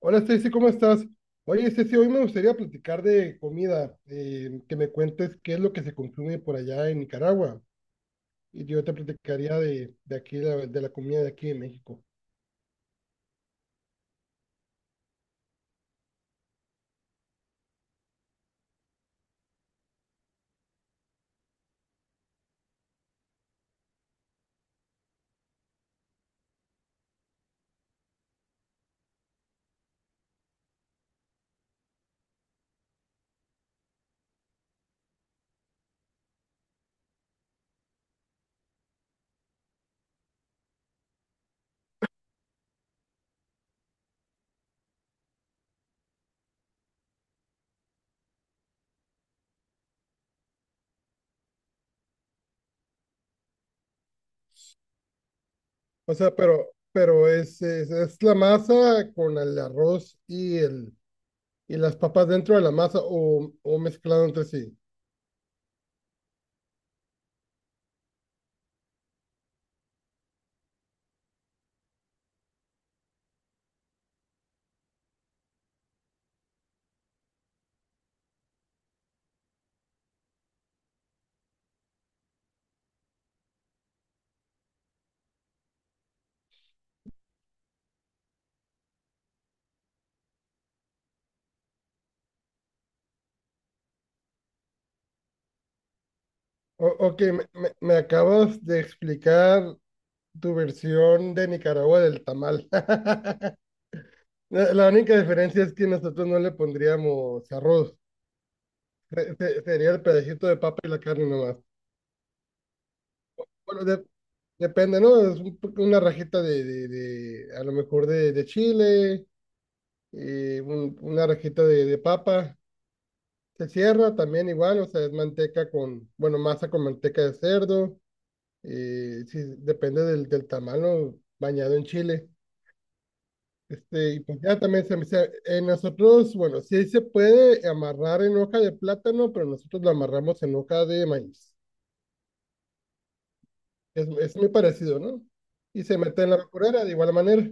Hola Stacy, ¿cómo estás? Oye Stacy, hoy me gustaría platicar de comida, que me cuentes qué es lo que se consume por allá en Nicaragua, y yo te platicaría de aquí, de la comida de aquí de México. O sea, pero es, es la masa con el arroz y, y las papas dentro de la masa o mezclado entre sí. Ok, me, me acabas de explicar tu versión de Nicaragua del tamal. La única diferencia es que nosotros no le pondríamos arroz. Sería el pedacito de papa y la carne nomás. Bueno, depende, ¿no? Es una rajita a lo mejor de chile, una rajita de papa. Se cierra también igual, o sea, es bueno, masa con manteca de cerdo. Sí, depende del tamal, ¿no? Bañado en chile. Este, y pues ya también nosotros, bueno, sí se puede amarrar en hoja de plátano, pero nosotros lo amarramos en hoja de maíz. Es muy parecido, ¿no? Y se mete en la vaporera de igual manera.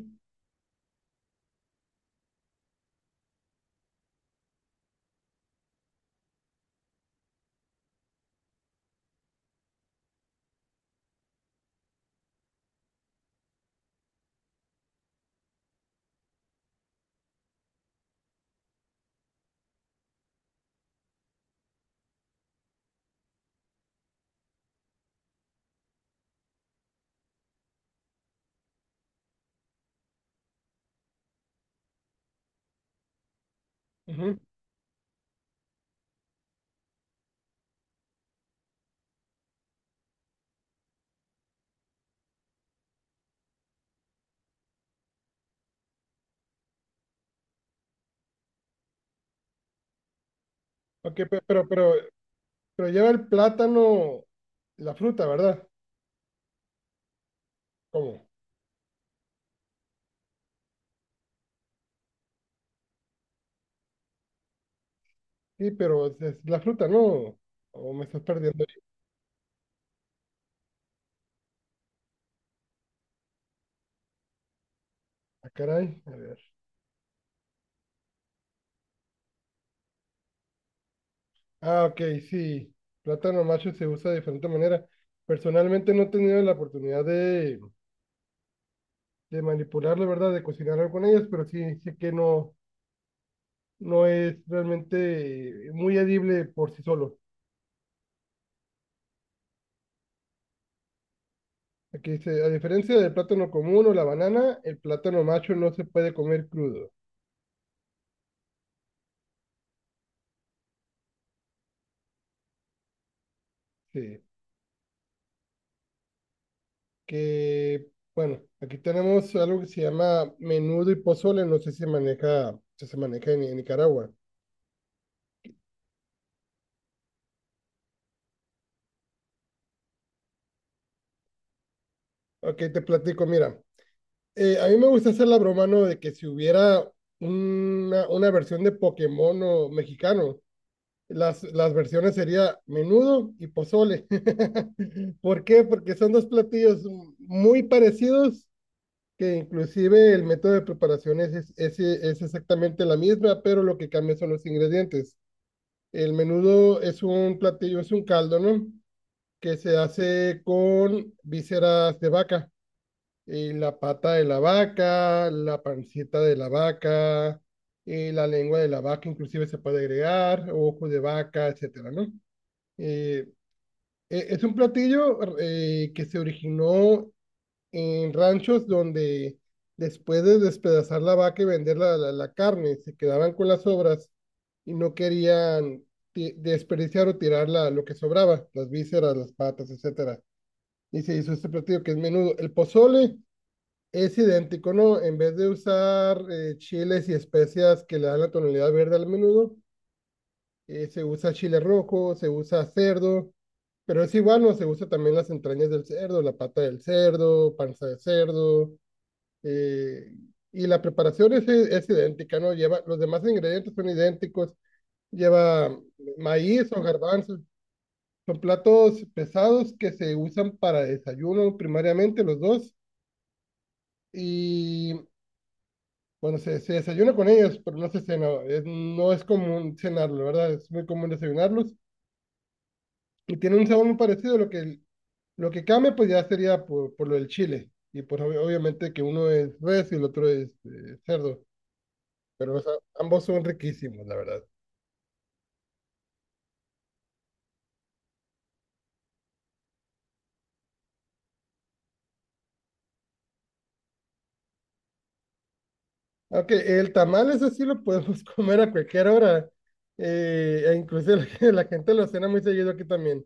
Ujú. Ok, pero lleva el plátano, la fruta, ¿verdad? ¿Cómo? Sí, pero es la fruta, ¿no? O me estás perdiendo ahí. Ah, caray, a ver. Ah, ok, sí. Plátano macho se usa de diferente manera. Personalmente no he tenido la oportunidad de manipular, verdad, de cocinar algo con ellas, pero sí sé que no, no es realmente muy edible por sí solo. Aquí dice, a diferencia del plátano común o la banana, el plátano macho no se puede comer crudo. Sí, que, bueno, aquí tenemos algo que se llama menudo y pozole, no sé si se maneja en Nicaragua. Ok, te platico, mira, a mí me gusta hacer la broma, ¿no? De que si hubiera una versión de Pokémon o mexicano, las versiones sería menudo y pozole. ¿Por qué? Porque son dos platillos muy parecidos, que inclusive el método de preparación es exactamente la misma, pero lo que cambia son los ingredientes. El menudo es un platillo, es un caldo, ¿no? Que se hace con vísceras de vaca, y la pata de la vaca, la pancita de la vaca, y la lengua de la vaca, inclusive se puede agregar, ojo de vaca, etcétera, ¿no? Eh, es un platillo que se originó en ranchos donde después de despedazar la vaca y vender la carne, se quedaban con las sobras y no querían desperdiciar o tirar lo que sobraba, las vísceras, las patas, etcétera. Y se hizo este platillo que es menudo. El pozole es idéntico, ¿no? En vez de usar chiles y especias que le dan la tonalidad verde al menudo, se usa chile rojo, se usa cerdo, pero es igual, ¿no? Se usa también las entrañas del cerdo, la pata del cerdo, panza de cerdo, eh, y la preparación es idéntica, ¿no? Lleva, los demás ingredientes son idénticos, lleva maíz o garbanzos, son platos pesados que se usan para desayuno primariamente los dos, y bueno, se desayuna con ellos, pero no se cena, no es común cenarlo, ¿verdad? Es muy común desayunarlos. Y tiene un sabor muy parecido, lo que, lo que cambia pues ya sería por lo del chile. Y pues obviamente que uno es res y el otro es cerdo, pero o sea, ambos son riquísimos, la verdad. Aunque el tamal ese sí lo podemos comer a cualquier hora. E inclusive la gente lo cena muy seguido aquí también.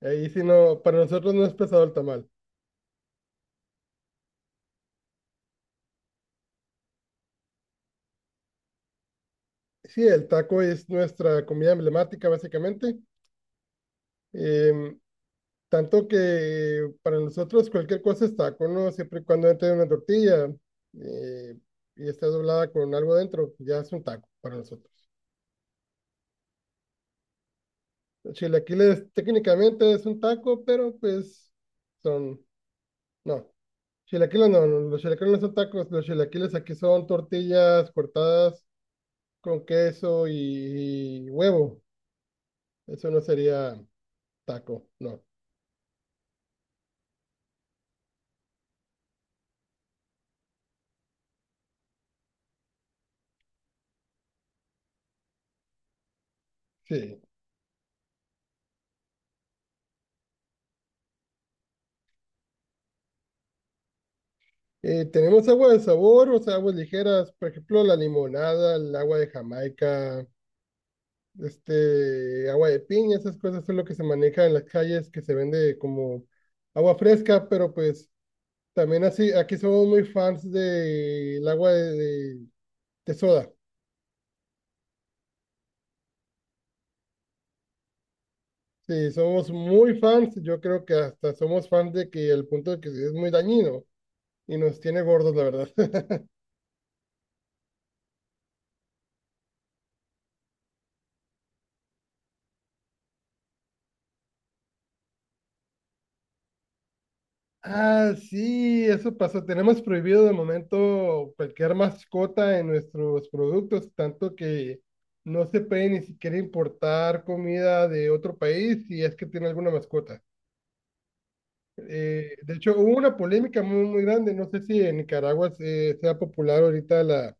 Ahí sí no, para nosotros no es pesado el tamal. Sí, el taco es nuestra comida emblemática básicamente. Em, Tanto que para nosotros cualquier cosa es taco, ¿no? Siempre y cuando entre una tortilla eh, y está doblada con algo dentro, ya es un taco para nosotros. Chilaquiles técnicamente es un taco, pero pues son, no. Chilaquiles no, no, los chilaquiles no son tacos, los chilaquiles aquí son tortillas cortadas con queso y huevo. Eso no sería taco, no. Sí. Tenemos agua de sabor, o sea, aguas ligeras, por ejemplo, la limonada, el agua de Jamaica, este, agua de piña, esas cosas son lo que se maneja en las calles, que se vende como agua fresca, pero pues también así, aquí somos muy fans del agua de- de soda. Sí, somos muy fans, yo creo que hasta somos fans de que al punto de que es muy dañino y nos tiene gordos, la verdad. Ah, sí, eso pasó. Tenemos prohibido de momento cualquier mascota en nuestros productos, tanto que no se puede ni siquiera importar comida de otro país si es que tiene alguna mascota. De hecho, hubo una polémica muy, muy grande. No sé si en Nicaragua sea popular ahorita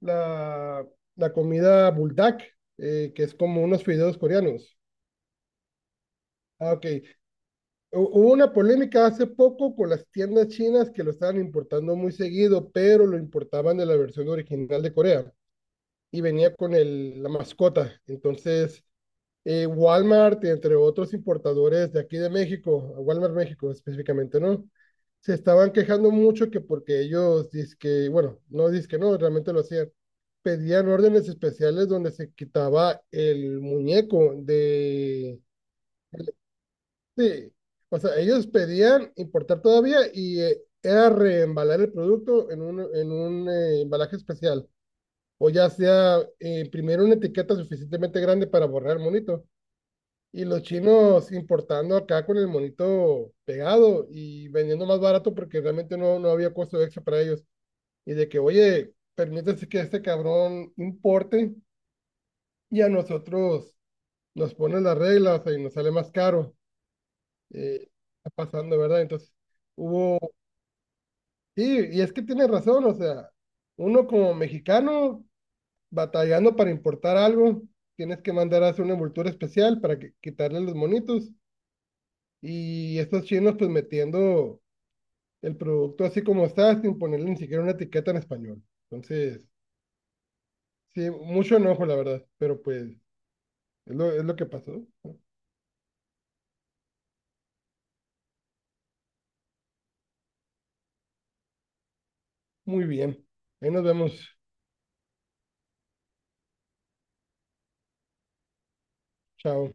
la, la comida buldak, que es como unos fideos coreanos. Ah, ok. Hubo una polémica hace poco con las tiendas chinas que lo estaban importando muy seguido, pero lo importaban de la versión original de Corea y venía con la mascota. Entonces, Walmart, entre otros importadores de aquí de México, Walmart México específicamente, ¿no? Se estaban quejando mucho que porque ellos que bueno, no que no, realmente lo hacían. Pedían órdenes especiales donde se quitaba el muñeco de. Sí, o sea, ellos pedían importar todavía y era reembalar el producto en un embalaje especial. O ya sea imprimir una etiqueta suficientemente grande para borrar el monito. Y los chinos importando acá con el monito pegado y vendiendo más barato porque realmente no, no había costo extra para ellos. Y de que, oye, permítese que este cabrón importe y a nosotros nos ponen las reglas y nos sale más caro. eh, Está pasando, ¿verdad? Entonces, hubo, sí, y es que tiene razón, o sea, uno como mexicano batallando para importar algo, tienes que mandar a hacer una envoltura especial para que, quitarle los monitos, y estos chinos pues metiendo el producto así como está, sin ponerle ni siquiera una etiqueta en español. Entonces, sí, mucho enojo, la verdad, pero pues es lo que pasó. Muy bien, ahí nos vemos, chao.